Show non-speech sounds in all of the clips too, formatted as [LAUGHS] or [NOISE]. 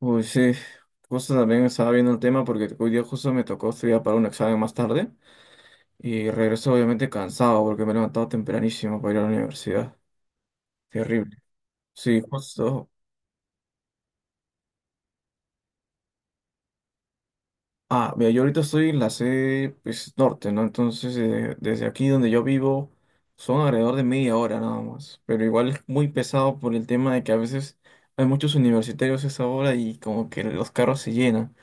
Uy, sí, justo también estaba viendo el tema porque hoy día justo me tocó estudiar para un examen más tarde y regreso obviamente cansado porque me he levantado tempranísimo para ir a la universidad. Terrible. Sí, justo. Ah, mira, yo ahorita estoy en la sede pues, norte, ¿no? Entonces, desde aquí donde yo vivo son alrededor de media hora nada más, pero igual es muy pesado por el tema de que a veces hay muchos universitarios a esa hora y como que los carros se llenan.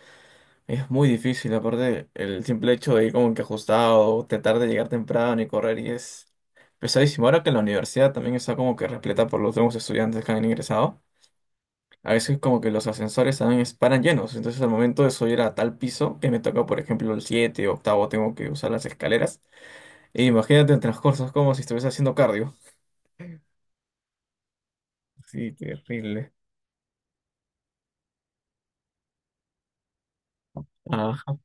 Es muy difícil, aparte el simple hecho de ir como que ajustado, tratar de llegar temprano y correr y es pesadísimo. Ahora que la universidad también está como que repleta por los nuevos estudiantes que han ingresado, a veces como que los ascensores también paran llenos, entonces al momento de subir a tal piso que me toca por ejemplo el 7 o octavo tengo que usar las escaleras, e imagínate el transcurso, es como si estuviese haciendo cardio. Sí, terrible. Ajá.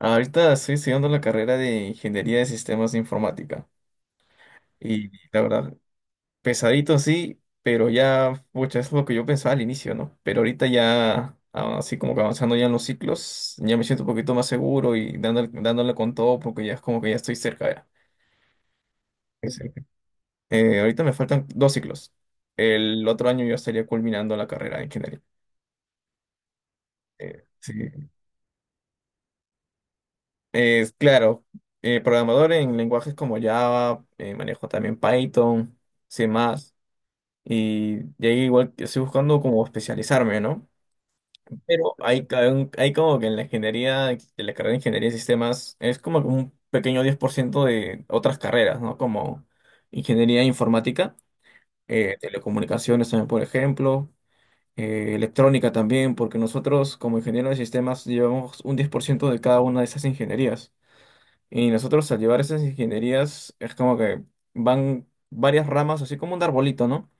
Ahorita estoy estudiando la carrera de Ingeniería de Sistemas de Informática. Y la verdad, pesadito sí, pero ya, pucha, eso es lo que yo pensaba al inicio, ¿no? Pero ahorita ya, así como que avanzando ya en los ciclos, ya me siento un poquito más seguro y dándole, dándole con todo porque ya es como que ya estoy cerca, ya. Estoy cerca. Ahorita me faltan dos ciclos. El otro año yo estaría culminando la carrera de ingeniería. Sí. Es claro, programador en lenguajes como Java, manejo también Python, C++, y de ahí igual estoy buscando como especializarme, ¿no? Pero hay como que en la ingeniería, en la carrera de ingeniería de sistemas, es como que un pequeño 10% de otras carreras, ¿no? Como ingeniería informática, telecomunicaciones también, por ejemplo, electrónica también, porque nosotros como ingenieros de sistemas llevamos un 10% de cada una de esas ingenierías. Y nosotros al llevar esas ingenierías es como que van varias ramas, así como un arbolito, ¿no?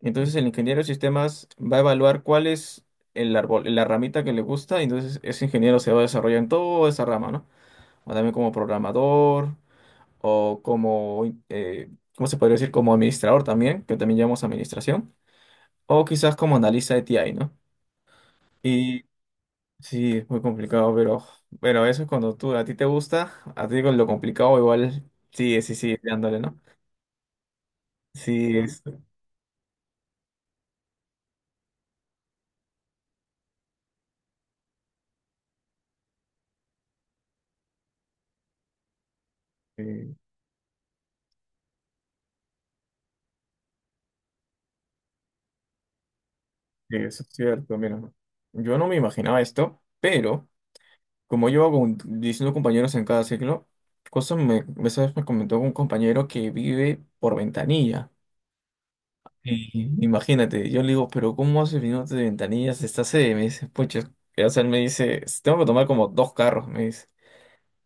Entonces el ingeniero de sistemas va a evaluar cuál es el árbol, la ramita que le gusta, y entonces ese ingeniero se va a desarrollar en toda esa rama, ¿no? O también como programador, o como, eh, ¿cómo se podría decir? Como administrador también, que también llamamos administración, o quizás como analista de TI, ¿no? Y sí, es muy complicado, pero eso es cuando tú, a ti te gusta, a ti con lo complicado igual, sí, sí, sí, dándole, ¿no? Sí, es, sí, sí, eso es cierto, mira, yo no me imaginaba esto, pero... Como llevo con 19 compañeros en cada ciclo, cosa me, esa vez me comentó un compañero que vive por ventanilla. Y imagínate, yo le digo, pero ¿cómo haces viviendo de ventanilla si estás sede? Me dice, pucha, o sea, él me dice, "Si tengo que tomar como dos carros, me dice.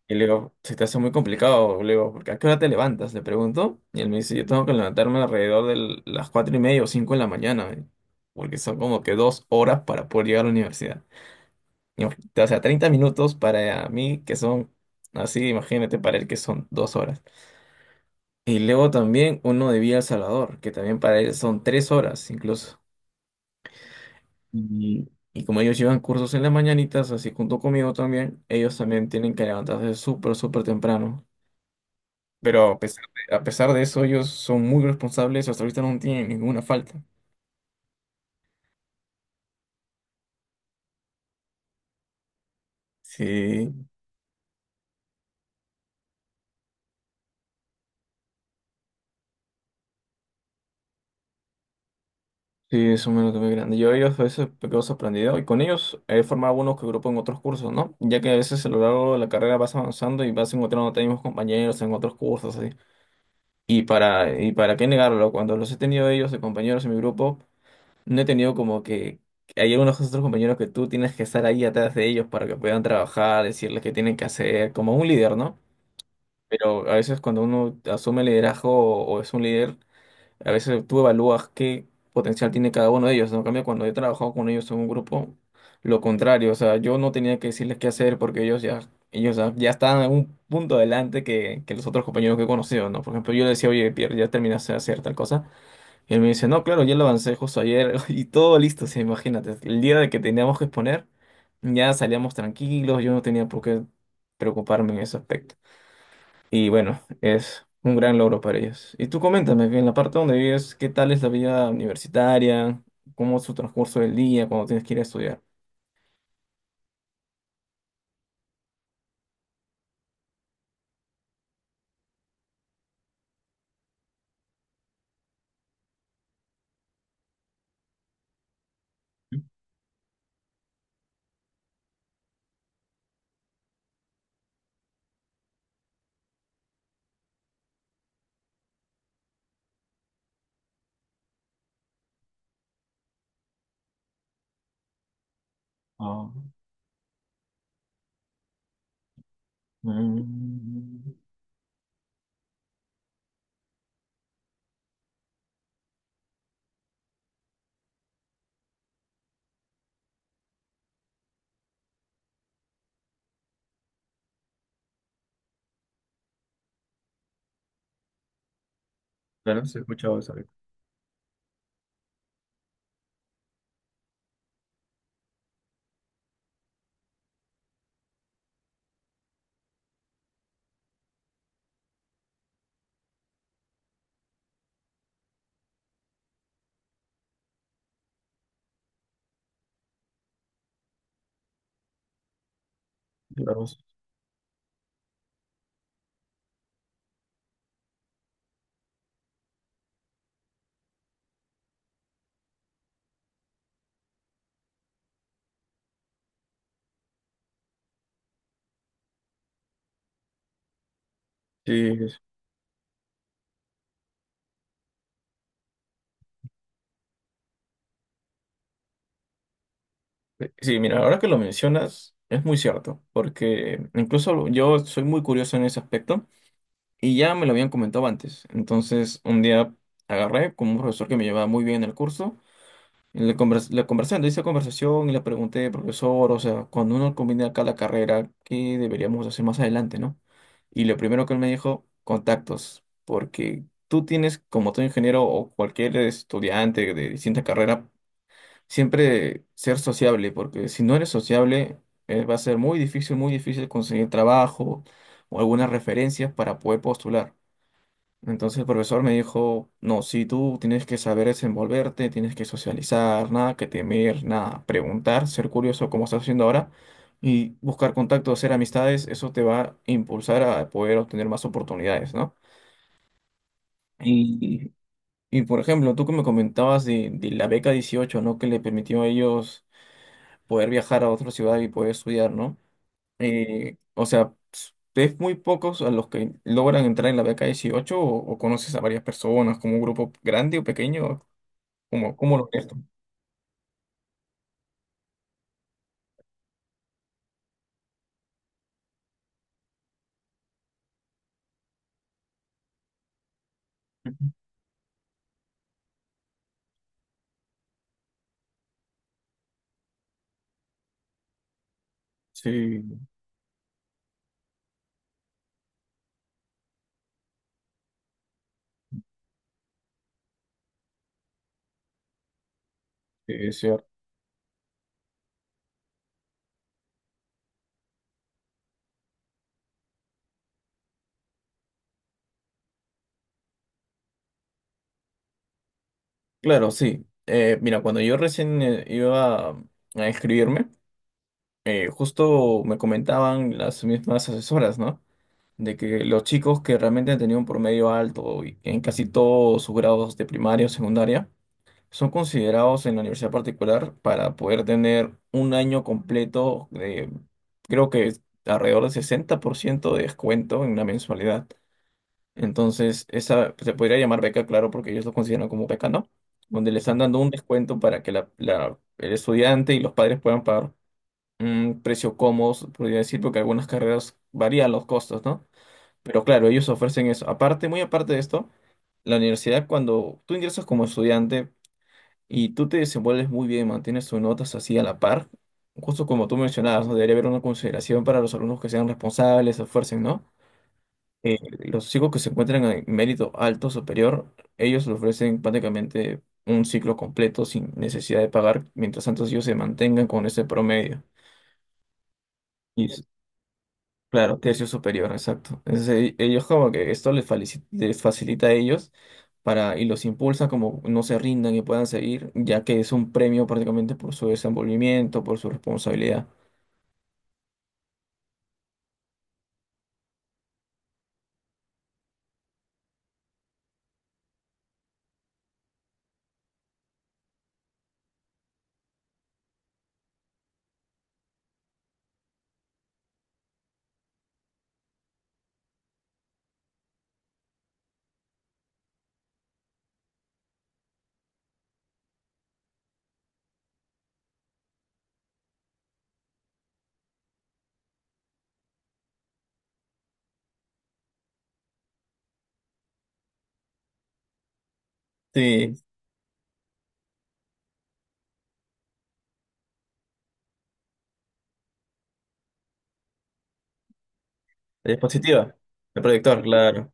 Y le digo, se te hace muy complicado, le digo, porque ¿a qué hora te levantas? Le pregunto. Y él me dice, yo tengo que levantarme alrededor de las cuatro y media o cinco de la mañana, me dice, porque son como que 2 horas para poder llegar a la universidad. O sea, 30 minutos para mí que son así, imagínate, para él que son 2 horas. Y luego también uno de Villa El Salvador, que también para él son 3 horas incluso. Y, y como ellos llevan cursos en las mañanitas, así junto conmigo también, ellos también tienen que levantarse súper, súper temprano. Pero a pesar de eso, ellos son muy responsables, hasta ahorita no tienen ninguna falta. Sí, sí, es un minuto muy grande. Yo ellos a veces me quedo sorprendido y con ellos he formado algunos que grupo en otros cursos, ¿no? Ya que a veces a lo largo de la carrera vas avanzando y vas encontrando a tus mismos compañeros en otros cursos, así. Y para qué negarlo, cuando los he tenido ellos de compañeros en mi grupo, no he tenido como que hay algunos otros compañeros que tú tienes que estar ahí atrás de ellos para que puedan trabajar, decirles qué tienen que hacer, como un líder, ¿no? Pero a veces cuando uno asume liderazgo o es un líder a veces tú evalúas qué potencial tiene cada uno de ellos, ¿no? En cambio, cuando he trabajado con ellos en un grupo, lo contrario, o sea, yo no tenía que decirles qué hacer porque ya estaban en un punto adelante que los otros compañeros que he conocido, ¿no? Por ejemplo, yo le decía, oye, Pierre, ya terminaste de hacer tal cosa, y él me dice, no, claro, ya lo avancé justo ayer, [LAUGHS] y todo listo, sí, imagínate, el día de que teníamos que exponer, ya salíamos tranquilos, yo no tenía por qué preocuparme en ese aspecto. Y bueno, es un gran logro para ellos. Y tú coméntame, en la parte donde vives, ¿qué tal es la vida universitaria? ¿Cómo es su transcurso del día cuando tienes que ir a estudiar? Ah, mm, claro, sí he escuchado esa voz. Sí, sí, sí, mira, ahora que lo mencionas, es muy cierto, porque incluso yo soy muy curioso en ese aspecto y ya me lo habían comentado antes. Entonces, un día agarré con un profesor que me llevaba muy bien en el curso. En la conversando, hice conversación y le pregunté, profesor, o sea, cuando uno combina acá la carrera, ¿qué deberíamos hacer más adelante, no? Y lo primero que él me dijo, contactos, porque tú tienes, como todo ingeniero o cualquier estudiante de distinta carrera, siempre ser sociable, porque si no eres sociable, va a ser muy difícil conseguir trabajo o algunas referencias para poder postular. Entonces el profesor me dijo, no, si tú tienes que saber desenvolverte, tienes que socializar, nada que temer, nada, preguntar, ser curioso como estás haciendo ahora y buscar contactos, hacer amistades, eso te va a impulsar a poder obtener más oportunidades, ¿no? Y, y por ejemplo, tú que me comentabas de la beca 18, ¿no? Que le permitió a ellos poder viajar a otra ciudad y poder estudiar, ¿no? O sea, es muy pocos a los que logran entrar en la beca 18, o conoces a varias personas, como un grupo grande o pequeño, como, ¿cómo lo ves tú? Ujú. Sí, sí, es cierto. Claro, sí. Mira, cuando yo recién iba a inscribirme, justo me comentaban las mismas asesoras, ¿no? De que los chicos que realmente han tenido un promedio alto y en casi todos sus grados de primaria o secundaria, son considerados en la universidad particular para poder tener un año completo de, creo que es alrededor del 60% de descuento en una mensualidad. Entonces, esa se podría llamar beca, claro, porque ellos lo consideran como beca, ¿no? Donde le están dando un descuento para que el estudiante y los padres puedan pagar un precio cómodo, podría decir, porque algunas carreras varían los costos, ¿no? Pero claro, ellos ofrecen eso. Aparte, muy aparte de esto, la universidad, cuando tú ingresas como estudiante, y tú te desenvuelves muy bien, mantienes tus notas así a la par. Justo como tú mencionabas, ¿no? Debería haber una consideración para los alumnos que sean responsables, se esfuercen, ¿no? Eh, los chicos que se encuentran en mérito alto superior, ellos le ofrecen prácticamente un ciclo completo sin necesidad de pagar, mientras tanto ellos se mantengan con ese promedio. Y, Claro, tercio superior, exacto. Entonces, ellos como que esto les facilita a ellos para, y los impulsa como no se rindan y puedan seguir, ya que es un premio prácticamente por su desenvolvimiento, por su responsabilidad. Sí, la diapositiva, el proyector, claro,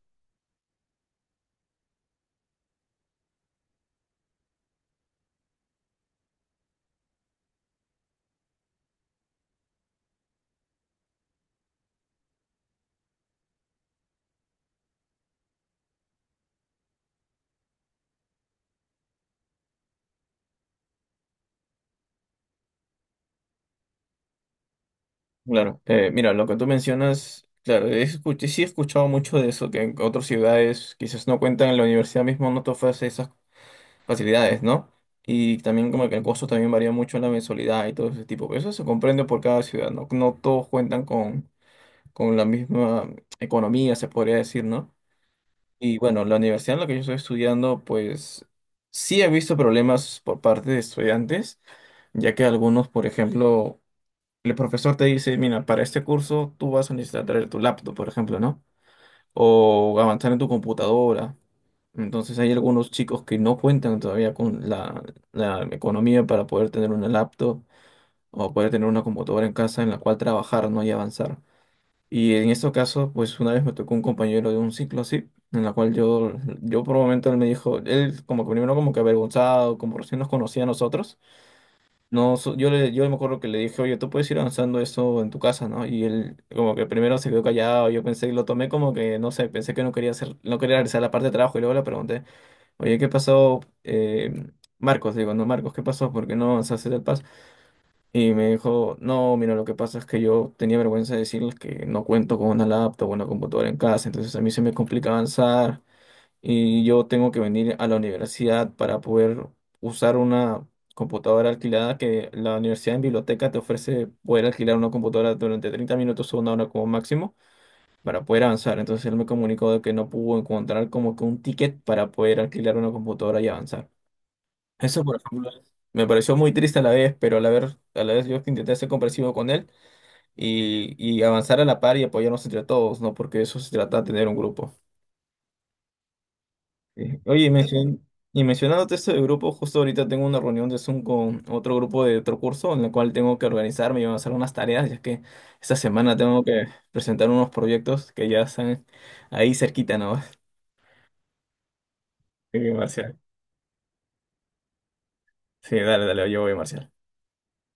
claro. Mira, lo que tú mencionas, claro, sí he escuchado mucho de eso, que en otras ciudades quizás no cuentan, en la universidad mismo no te ofrece esas facilidades, ¿no? Y también como que el costo también varía mucho en la mensualidad y todo ese tipo. Pero eso se comprende por cada ciudad, ¿no? No todos cuentan con la misma economía, se podría decir, ¿no? Y bueno, la universidad en la que yo estoy estudiando, pues sí he visto problemas por parte de estudiantes, ya que algunos, por ejemplo, el profesor te dice, mira, para este curso tú vas a necesitar traer tu laptop, por ejemplo, ¿no? O avanzar en tu computadora. Entonces hay algunos chicos que no cuentan todavía con la economía para poder tener una laptop o poder tener una computadora en casa en la cual trabajar, ¿no? Y avanzar. Y en estos casos, pues una vez me tocó un compañero de un ciclo así, en la cual yo por un momento él me dijo, él como que primero como que avergonzado, como recién nos conocía a nosotros, no, yo me acuerdo que le dije, oye, tú puedes ir avanzando eso en tu casa, ¿no? Y él como que primero se quedó callado, yo pensé, lo tomé como que, no sé, pensé que no quería hacer, no quería regresar la parte de trabajo y luego le pregunté, oye, ¿qué pasó? Marcos, digo, no, Marcos, ¿qué pasó? ¿Por qué no avanzaste del PAS? Y me dijo, no, mira, lo que pasa es que yo tenía vergüenza de decirles que no cuento con una laptop o una computadora en casa, entonces a mí se me complica avanzar y yo tengo que venir a la universidad para poder usar una computadora alquilada que la universidad en biblioteca te ofrece poder alquilar una computadora durante 30 minutos o una hora como máximo para poder avanzar. Entonces él me comunicó de que no pudo encontrar como que un ticket para poder alquilar una computadora y avanzar. Eso, por ejemplo, me pareció muy triste a la vez, pero a la vez yo intenté ser comprensivo con él y avanzar a la par y apoyarnos entre todos, ¿no? Porque eso se trata de tener un grupo. Sí. Oye, y mencionándote esto de grupo, justo ahorita tengo una reunión de Zoom con otro grupo de otro curso en la cual tengo que organizarme y van a hacer unas tareas, ya que esta semana tengo que presentar unos proyectos que ya están ahí cerquita, ¿no? [LAUGHS] Sí, Marcial. Sí, dale, dale, yo voy, Marcial.